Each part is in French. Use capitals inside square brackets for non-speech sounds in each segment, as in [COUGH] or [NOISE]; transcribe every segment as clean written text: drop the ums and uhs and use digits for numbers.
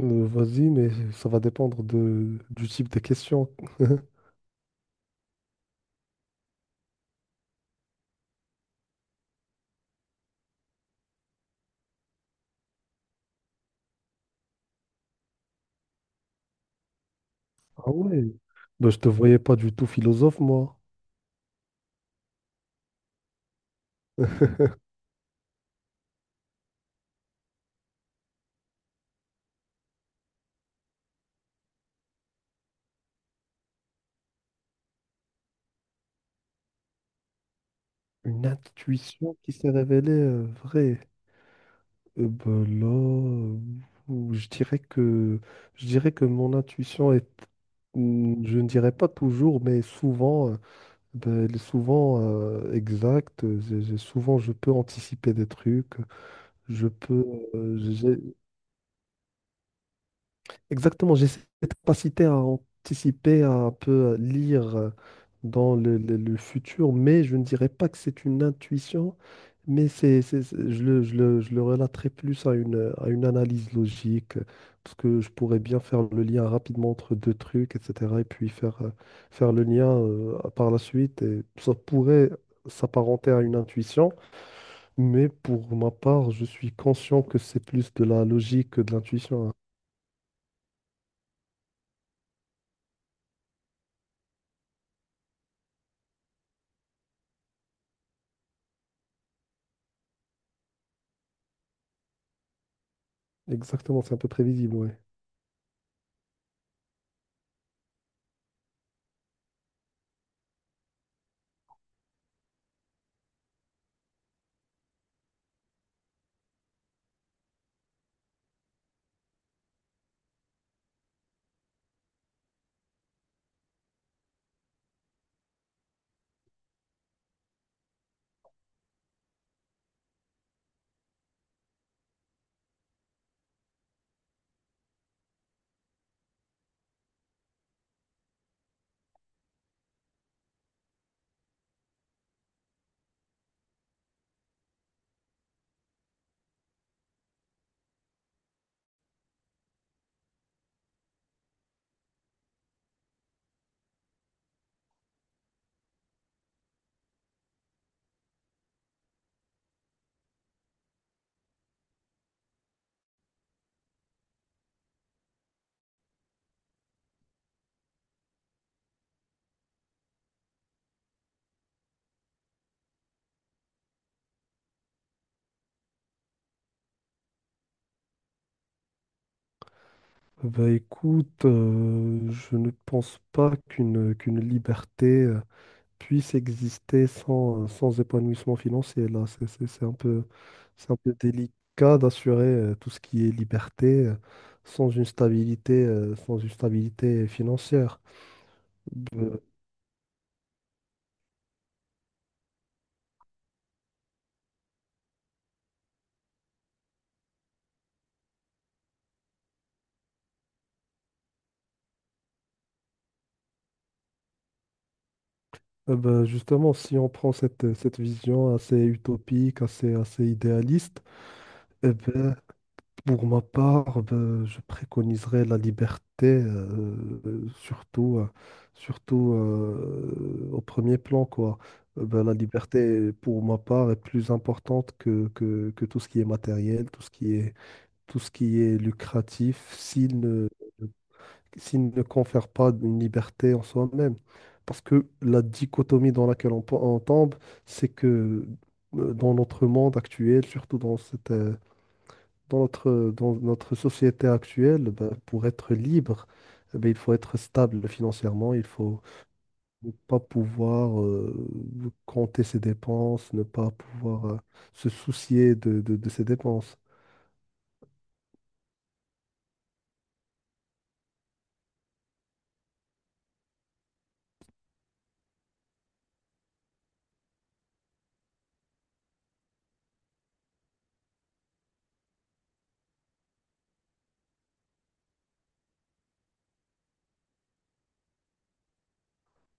Vas-y, mais ça va dépendre du type de question. [LAUGHS] Ah ouais. Ben, je te voyais pas du tout philosophe, moi. [LAUGHS] Une intuition qui s'est révélée vraie. Euh, ben là, euh, ou- je dirais que, je dirais que mon intuition est, je ne dirais pas toujours, mais souvent, ben, elle est souvent exacte. Souvent, je peux anticiper des trucs. Je peux, euh, j'ai- Exactement, j'ai cette capacité à anticiper, à un peu lire dans le, le futur, mais je ne dirais pas que c'est une intuition, mais je le, je le relaterai plus à une analyse logique, parce que je pourrais bien faire le lien rapidement entre deux trucs, etc., et puis faire, faire le lien par la suite, et ça pourrait s'apparenter à une intuition, mais pour ma part, je suis conscient que c'est plus de la logique que de l'intuition, hein. Exactement, c'est un peu prévisible, ouais. Bah écoute, je ne pense pas qu'une liberté puisse exister sans, sans épanouissement financier. Là, c'est un peu délicat d'assurer tout ce qui est liberté sans une stabilité, sans une stabilité financière. Euh, Justement, si on prend cette, cette vision assez utopique, assez idéaliste, eh ben, pour ma part, ben, je préconiserais la liberté, surtout au premier plan, quoi. Ben, la liberté, pour ma part, est plus importante que tout ce qui est matériel, tout ce qui est, tout ce qui est lucratif, s'il ne confère pas une liberté en soi-même. Parce que la dichotomie dans laquelle on tombe, c'est que dans notre monde actuel, surtout dans cette, dans notre société actuelle, ben, pour être libre, eh ben, il faut être stable financièrement, il faut ne pas pouvoir compter ses dépenses, ne pas pouvoir se soucier de, de ses dépenses.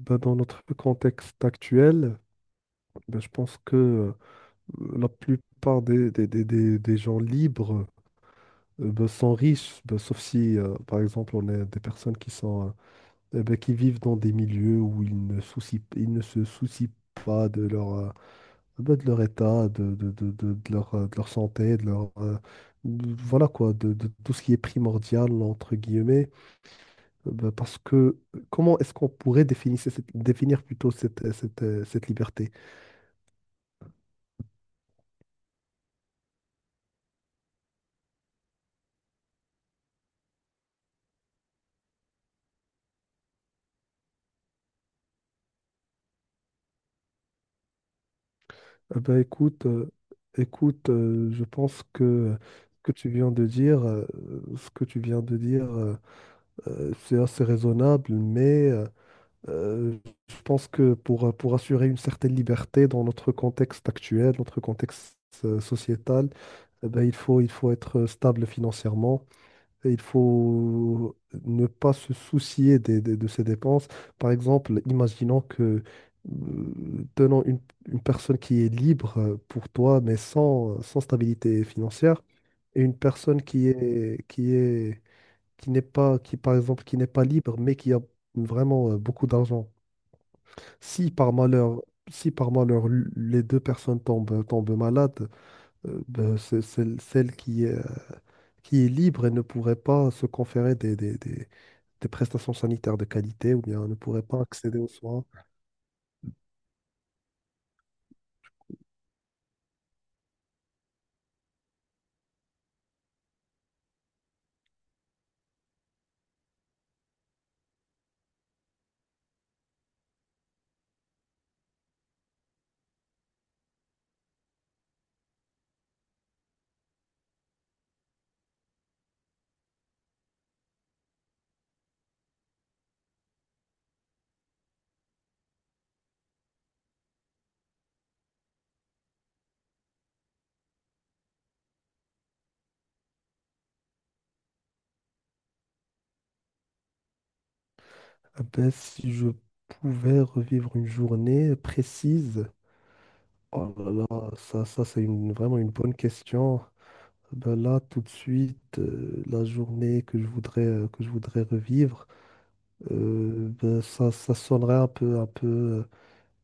Ben, dans notre contexte actuel, ben, je pense que la plupart des, des gens libres ben, sont riches, ben, sauf si, par exemple, on est des personnes qui sont... bah, qui vivent dans des milieux où ils ne se soucient pas de leur, bah, de leur état, de leur santé, voilà quoi, de tout ce qui est primordial, entre guillemets. Bah, parce que comment est-ce qu'on pourrait définir plutôt cette, cette liberté? Eh ben, écoute, je pense que ce que tu viens de dire, ce que tu viens de dire c'est assez raisonnable, euh, je pense que pour assurer une certaine liberté dans notre contexte actuel, notre contexte sociétal, eh ben, il faut être stable financièrement et il faut ne pas se soucier de ses dépenses. Par exemple, imaginons que, tenons une personne qui est libre pour toi, mais sans, sans stabilité financière, et une personne qui est qui par exemple, qui n'est pas libre, mais qui a vraiment beaucoup d'argent. Si par malheur, si par malheur les deux personnes tombent, tombent malades, ben, celle qui est libre et ne pourrait pas se conférer des prestations sanitaires de qualité ou bien ne pourrait pas accéder aux soins. Ah ben, si je pouvais revivre une journée précise, oh là là, ça c'est vraiment une bonne question. Ah ben là, tout de suite, la journée que je voudrais revivre, ben, ça sonnerait un peu, un peu,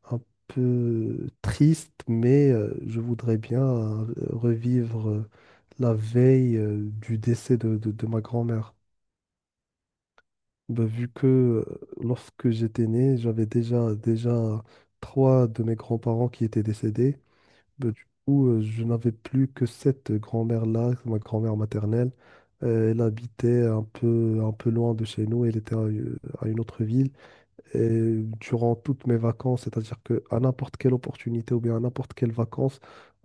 un peu triste, mais je voudrais bien revivre la veille du décès de, de ma grand-mère. Bah, vu que lorsque j'étais né, j'avais déjà, déjà trois de mes grands-parents qui étaient décédés. Bah, du coup, je n'avais plus que cette grand-mère-là, ma grand-mère maternelle. Elle habitait un peu loin de chez nous, elle était à une autre ville. Et durant toutes mes vacances, c'est-à-dire qu'à n'importe quelle opportunité ou bien à n'importe quelle vacances,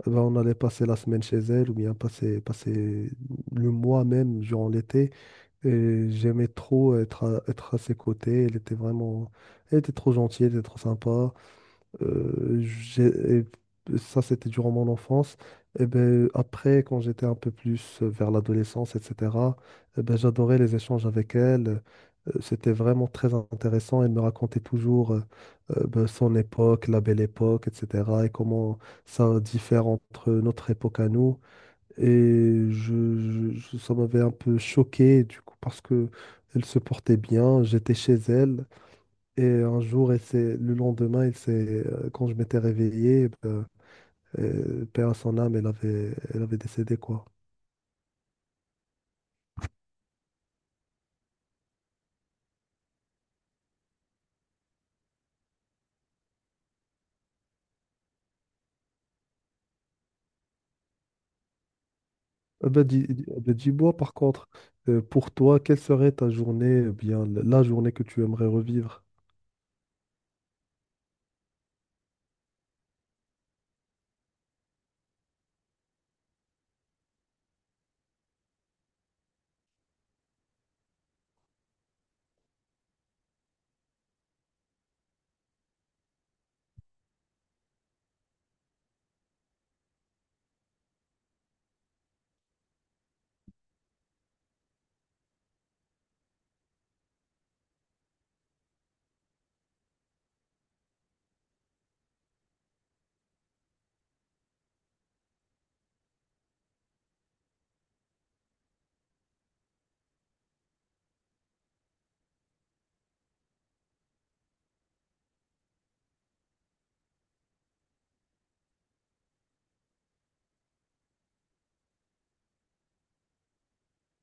eh ben, on allait passer la semaine chez elle ou bien passer, passer le mois même durant l'été. Et j'aimais trop être à, être à ses côtés. Elle était vraiment... Elle était trop gentille, elle était trop sympa. Euh, j'ai- et Ça, c'était durant mon enfance. Et ben, après, quand j'étais un peu plus vers l'adolescence, etc., eh ben, j'adorais les échanges avec elle. C'était vraiment très intéressant. Elle me racontait toujours ben, son époque, la belle époque, etc. Et comment ça diffère entre notre époque à nous. Et ça m'avait un peu choqué, du coup, parce que elle se portait bien, j'étais chez elle. Et un jour, le lendemain, elle s'est, quand je m'étais réveillé, ben, paix à son âme, elle avait décédé, quoi. Dis-moi, par contre, pour toi, quelle serait ta journée, eh bien, la journée que tu aimerais revivre?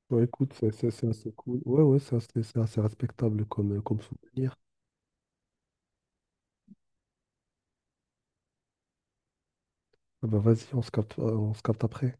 Ouais, écoute, c'est assez cool. Ouais, ouais, c'est assez respectable comme, comme souvenir. Ah ben, vas-y, on se capte après.